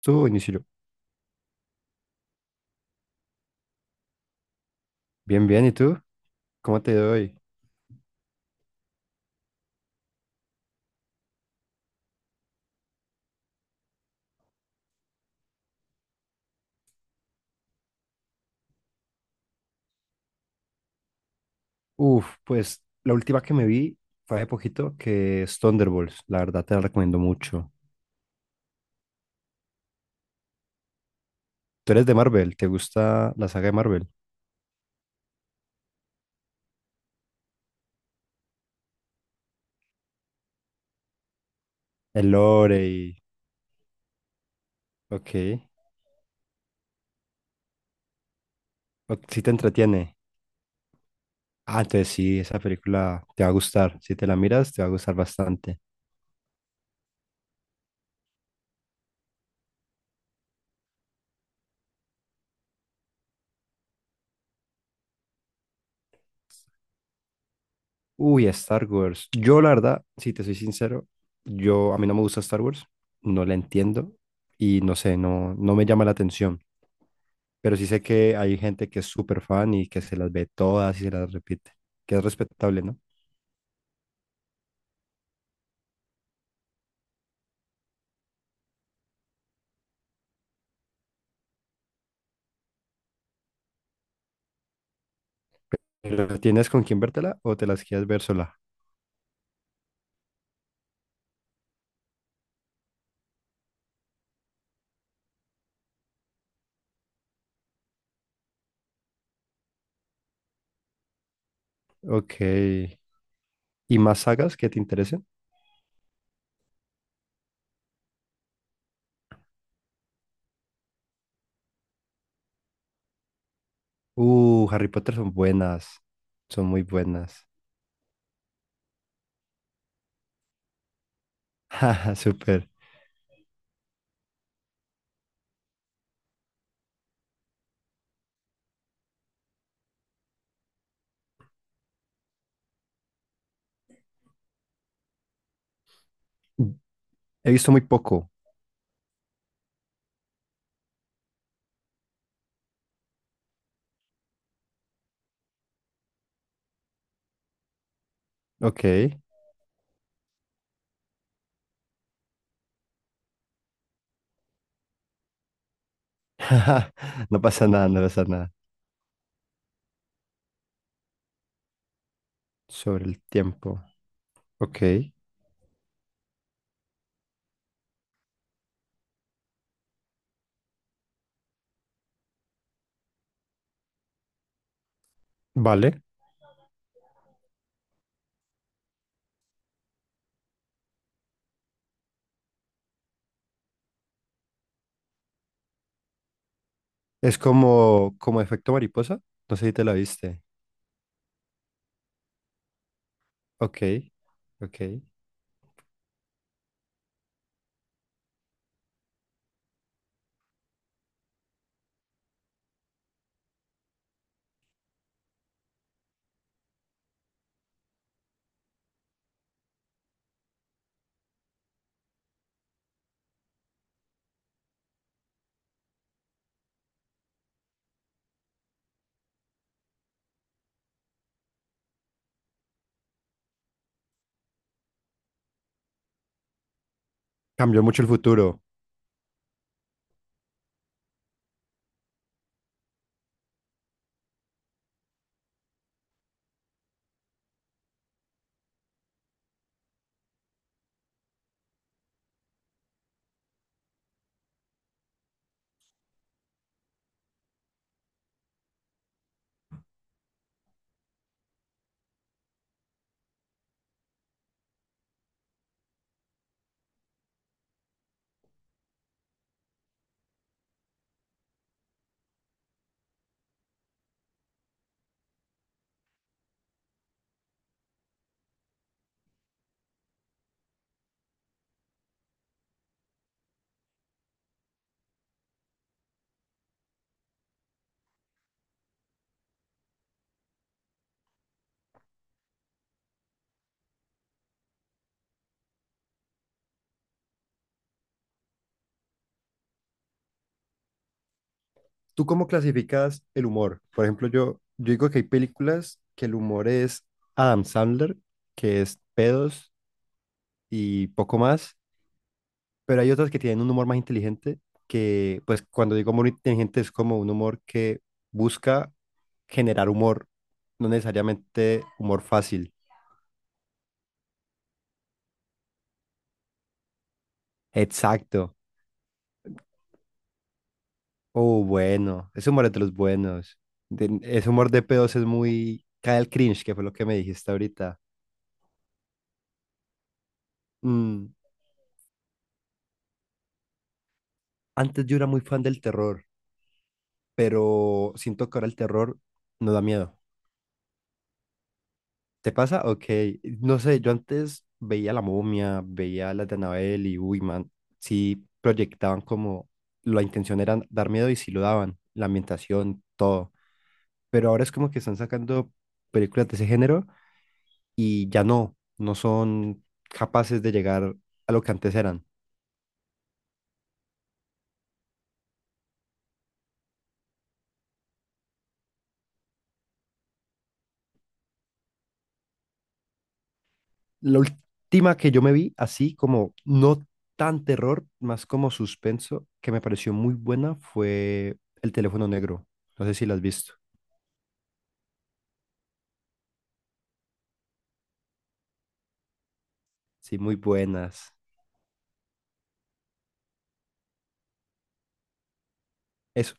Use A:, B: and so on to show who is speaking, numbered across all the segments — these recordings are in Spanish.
A: Tú, Inicio. Bien, bien. ¿Y tú? ¿Cómo te doy? Uf, pues la última que me vi fue hace poquito, que es Thunderbolts. La verdad te la recomiendo mucho. Tú eres de Marvel, ¿te gusta la saga de Marvel? El lore y... Ok. Sí te entretiene. Ah, entonces sí, esa película te va a gustar. Si te la miras, te va a gustar bastante. Uy, Star Wars. Yo la verdad, si te soy sincero, yo a mí no me gusta Star Wars. No la entiendo y no sé, no, no me llama la atención. Pero sí sé que hay gente que es súper fan y que se las ve todas y se las repite, que es respetable, ¿no? Pero, ¿tienes con quién vértela o te las quieres ver sola? Ok. ¿Y más sagas que te interesen? Harry Potter son buenas, son muy buenas. Jaja, súper. He visto muy poco. Ok. No pasa nada, no pasa nada. Sobre el tiempo. Ok. Vale. Es como, como efecto mariposa. No sé si te la viste. Ok. Ok. Cambió mucho el futuro. ¿Tú cómo clasificas el humor? Por ejemplo, yo digo que hay películas que el humor es Adam Sandler, que es pedos y poco más, pero hay otras que tienen un humor más inteligente, que pues cuando digo humor inteligente es como un humor que busca generar humor, no necesariamente humor fácil. Exacto. Oh, bueno, ese humor es de los buenos. De- ese humor de pedos es muy... Cae el cringe, que fue lo que me dijiste ahorita. Mm, Antes yo era muy fan del terror. Pero siento que ahora el terror no da miedo. ¿Te pasa? Ok, no sé, yo antes veía La Momia, veía las de Annabelle y uy, man, sí proyectaban como la intención era dar miedo y sí lo daban, la ambientación, todo. Pero ahora es como que están sacando películas de ese género y ya no, no son capaces de llegar a lo que antes eran. La última que yo me vi, así como no tan terror, más como suspenso, que me pareció muy buena, fue El teléfono negro. No sé si la has visto. Sí, muy buenas. Eso,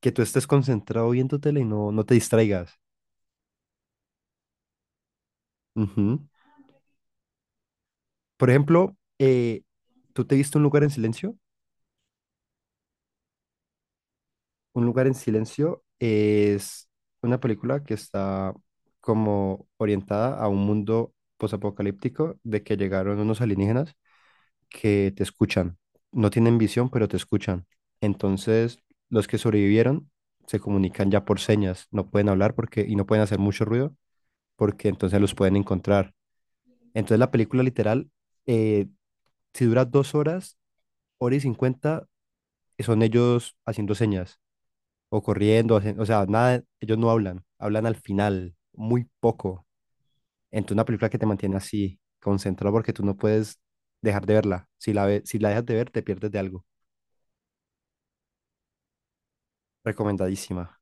A: que tú estés concentrado viendo tele y no, no te distraigas. Ujú. Por ejemplo, ¿tú te viste Un lugar en silencio? Un lugar en silencio es una película que está como orientada a un mundo posapocalíptico de que llegaron unos alienígenas que te escuchan. No tienen visión, pero te escuchan. Entonces, los que sobrevivieron se comunican ya por señas, no pueden hablar porque y no pueden hacer mucho ruido porque entonces los pueden encontrar. Entonces la película literal, eh, si dura 2 horas, 1:50, son ellos haciendo señas o corriendo, o sea, nada, ellos no hablan, hablan al final, muy poco. Entonces una película que te mantiene así, concentrado porque tú no puedes dejar de verla. Si la si la dejas de ver, te pierdes de algo. Recomendadísima.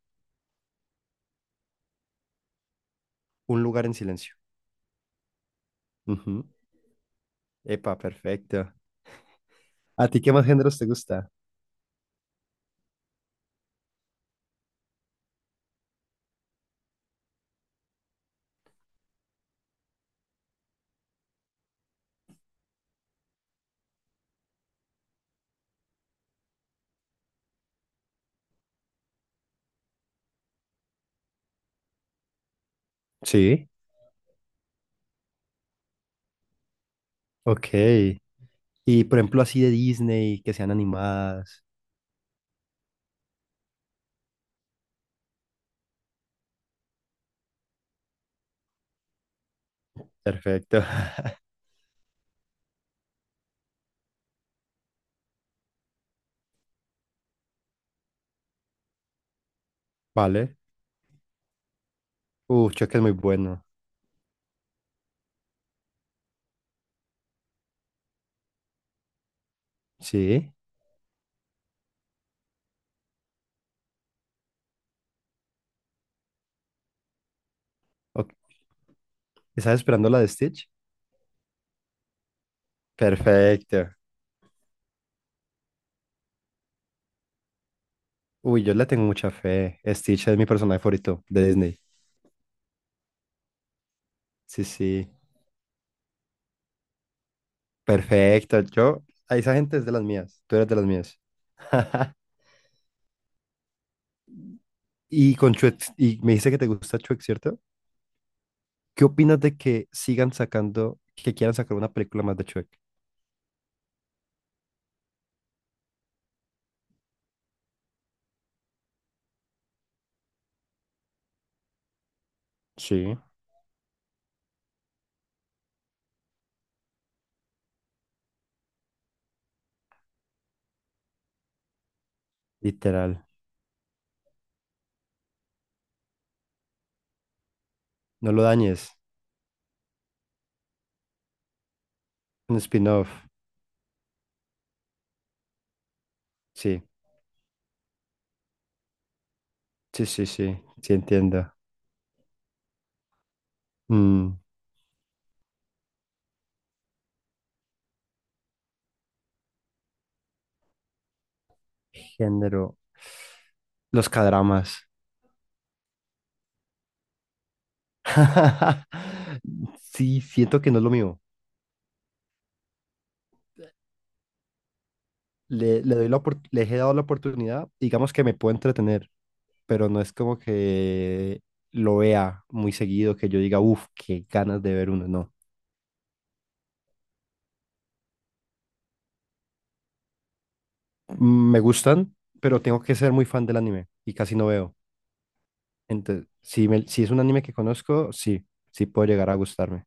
A: Un lugar en silencio. Ujú. Epa, perfecto. ¿A ti qué más géneros te gusta? Sí. Ok. Y por ejemplo, así de Disney, que sean animadas. Perfecto. Vale. Chuck es muy bueno. Sí. Ok. ¿Estás esperando la de Stitch? Perfecto. Uy, yo le tengo mucha fe. Stitch es mi personaje favorito de Disney. Sí, sí. Perfecto. Yo, a esa gente es de las mías. Tú eres de las mías. Y con Chuck, y me dice que te gusta Chuck, ¿cierto? ¿Qué opinas de que sigan sacando, que quieran sacar una película más de Shrek? Sí, literal. No lo dañes. Un spin-off. Sí, sí, sí, sí. Sí entiendo. Mm, género. Los cadramas. Sí, siento que no es lo mío. Le doy la les he dado la oportunidad, digamos que me puedo entretener, pero no es como que lo vea muy seguido, que yo diga, uff, qué ganas de ver uno, no. Mm, me gustan, pero tengo que ser muy fan del anime y casi no veo. Entonces, si, si es un anime que conozco, sí, sí puede llegar a gustarme.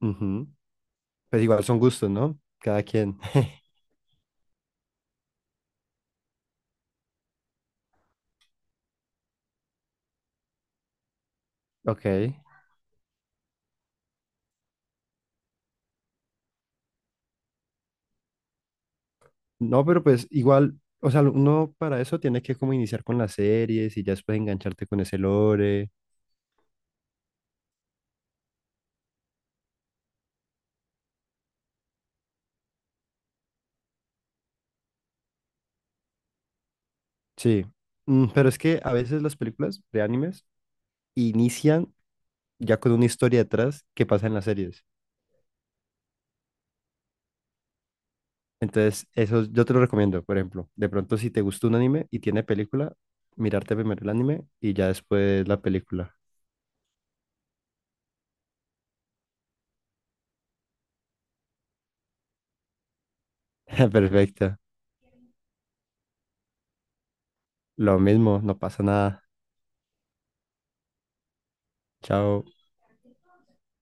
A: Ujú. Pues igual son gustos, ¿no? Cada quien. Ok. No, pero pues igual, o sea, uno para eso tiene que como iniciar con las series y ya después engancharte con ese lore. Sí. Mm, pero es que a veces las películas de animes inician ya con una historia detrás que pasa en las series. Entonces, eso yo te lo recomiendo, por ejemplo. De pronto, si te gusta un anime y tiene película, mirarte primero el anime y ya después la película. Perfecto. Lo mismo, no pasa nada. Chao.